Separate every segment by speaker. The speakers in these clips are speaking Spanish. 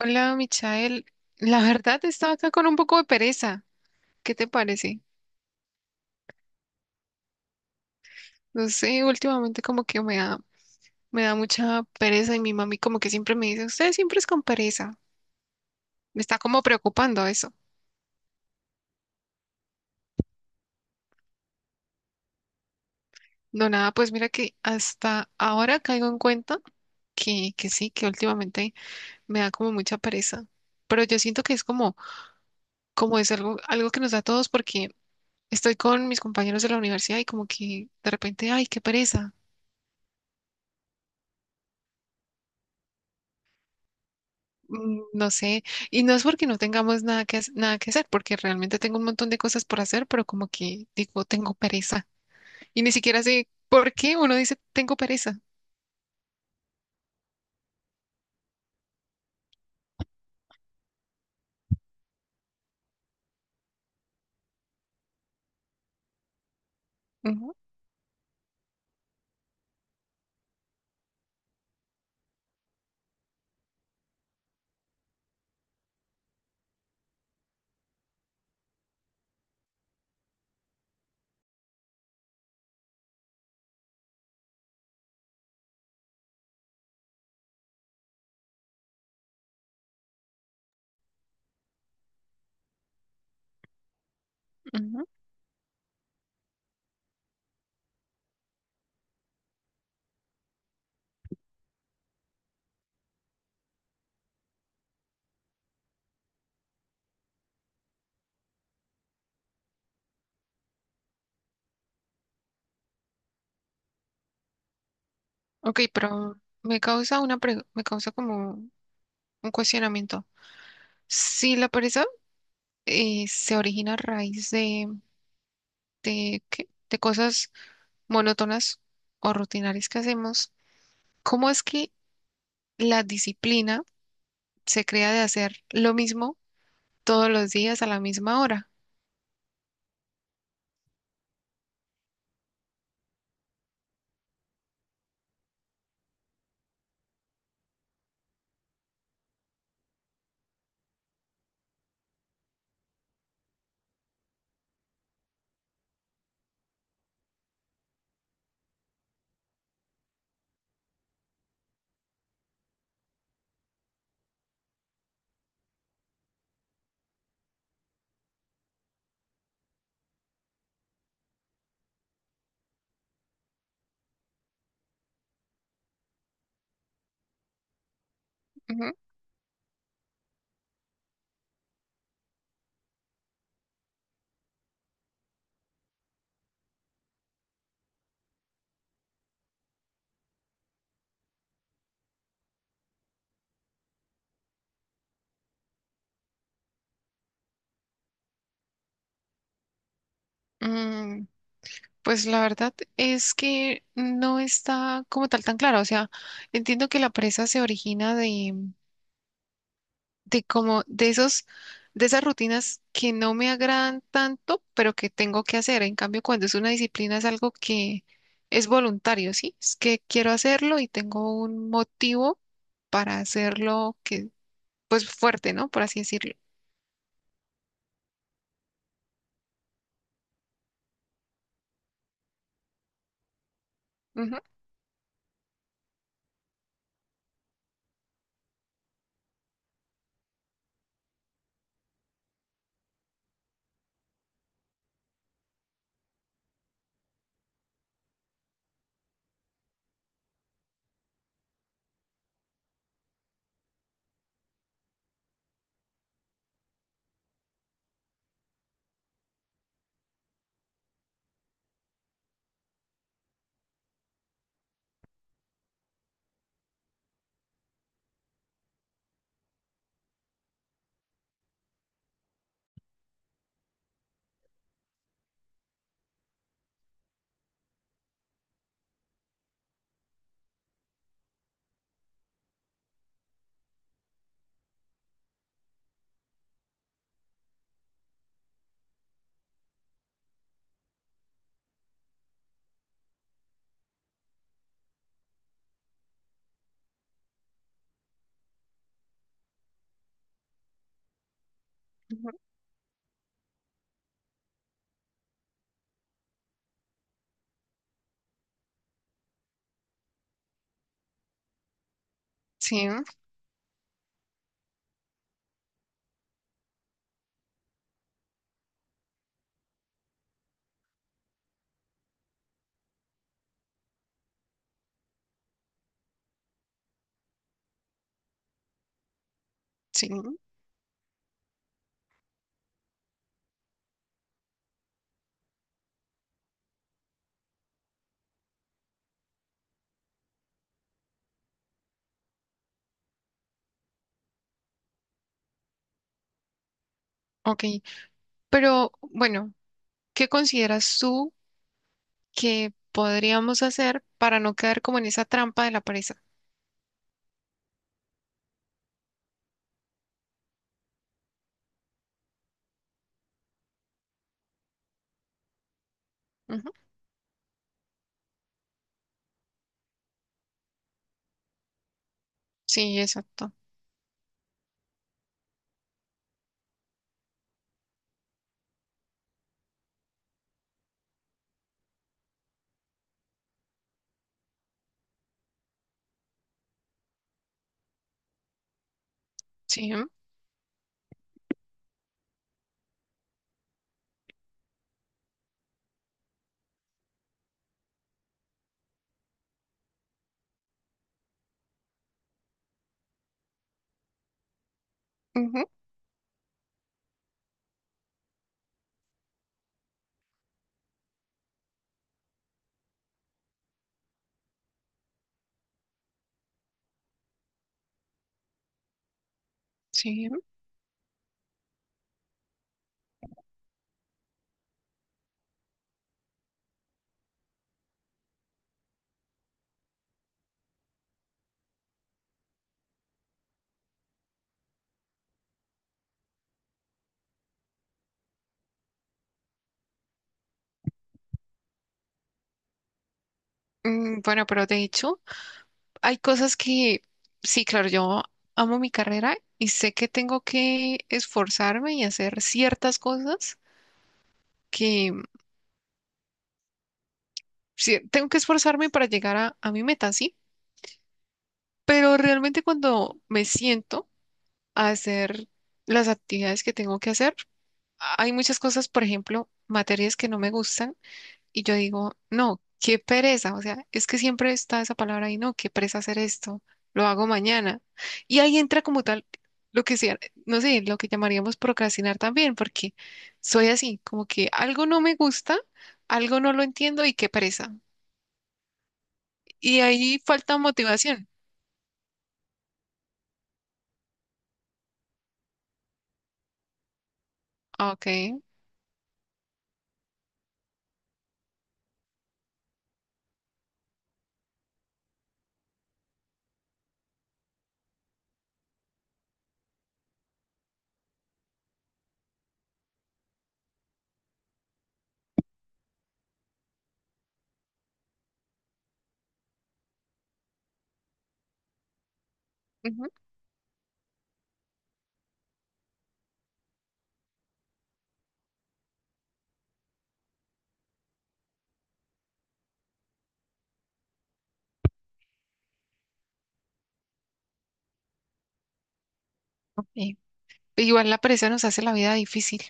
Speaker 1: Hola, Michael. La verdad, estaba acá con un poco de pereza. ¿Qué te parece? No sé, últimamente como que me da mucha pereza y mi mami como que siempre me dice, usted siempre es con pereza. Me está como preocupando eso. No, nada, pues mira que hasta ahora caigo en cuenta que sí, que últimamente me da como mucha pereza. Pero yo siento que es como, como es algo que nos da a todos porque estoy con mis compañeros de la universidad y como que de repente, ay, qué pereza. No sé, y no es porque no tengamos nada nada que hacer, porque realmente tengo un montón de cosas por hacer, pero como que digo, tengo pereza. Y ni siquiera sé por qué uno dice, tengo pereza. Ujú, ujú. Ok, pero me causa como un cuestionamiento. Si la pereza se origina a raíz de ¿qué? De cosas monótonas o rutinarias que hacemos, ¿cómo es que la disciplina se crea de hacer lo mismo todos los días a la misma hora? Ujú. Mm, pues la verdad es que no está como tal tan claro. O sea, entiendo que la presa se origina de como de esas rutinas que no me agradan tanto, pero que tengo que hacer. En cambio, cuando es una disciplina es algo que es voluntario, ¿sí? Es que quiero hacerlo y tengo un motivo para hacerlo que, pues fuerte, ¿no? Por así decirlo. Ujú, ujú. Sí, sí. Ok, pero bueno, ¿qué consideras tú que podríamos hacer para no quedar como en esa trampa de la pereza? Ujú, sí, exacto. Sí, ujú, sí. Mm, bueno, pero de hecho, hay cosas que, sí, claro, yo amo mi carrera y sé que tengo que esforzarme y hacer ciertas cosas que sí, tengo que esforzarme para llegar a mi meta, sí. Pero realmente cuando me siento a hacer las actividades que tengo que hacer, hay muchas cosas, por ejemplo, materias que no me gustan y yo digo, no, qué pereza, o sea, es que siempre está esa palabra ahí, no, qué pereza hacer esto, lo hago mañana. Y ahí entra como tal lo que sea, no sé, lo que llamaríamos procrastinar también, porque soy así, como que algo no me gusta, algo no lo entiendo y qué pereza. Y ahí falta motivación. Ah, ok. Ujú, ok. Igual la pereza nos hace la vida difícil.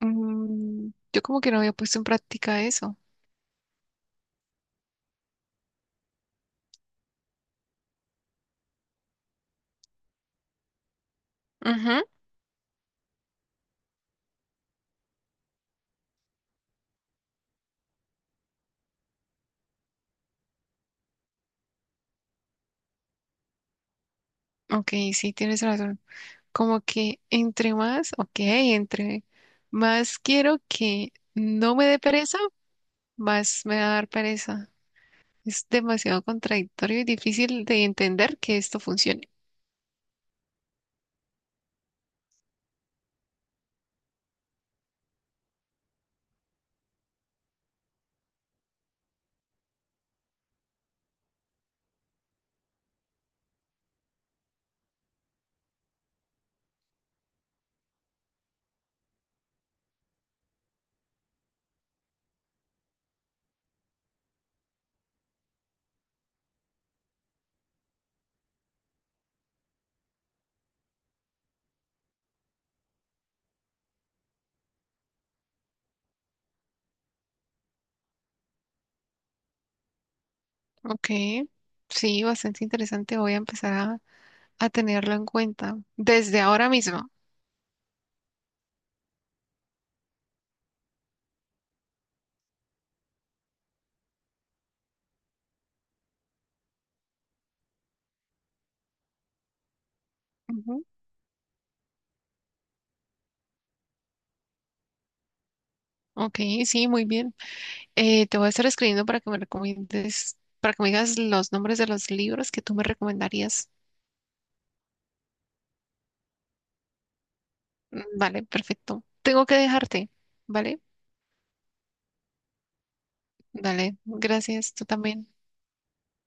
Speaker 1: Mm, yo como que no había puesto en práctica eso. Ujú. Ok, sí, tienes razón. Como que entre más, ok, entre más quiero que no me dé pereza, más me va a dar pereza. Es demasiado contradictorio y difícil de entender que esto funcione. Ok, sí, bastante interesante. Voy a empezar a tenerlo en cuenta desde ahora mismo. Ujú. Ok, sí, muy bien. Te voy a estar escribiendo para que me recomiendes, para que me digas los nombres de los libros que tú me recomendarías. Vale, perfecto. Tengo que dejarte, ¿vale? Dale, gracias, tú también.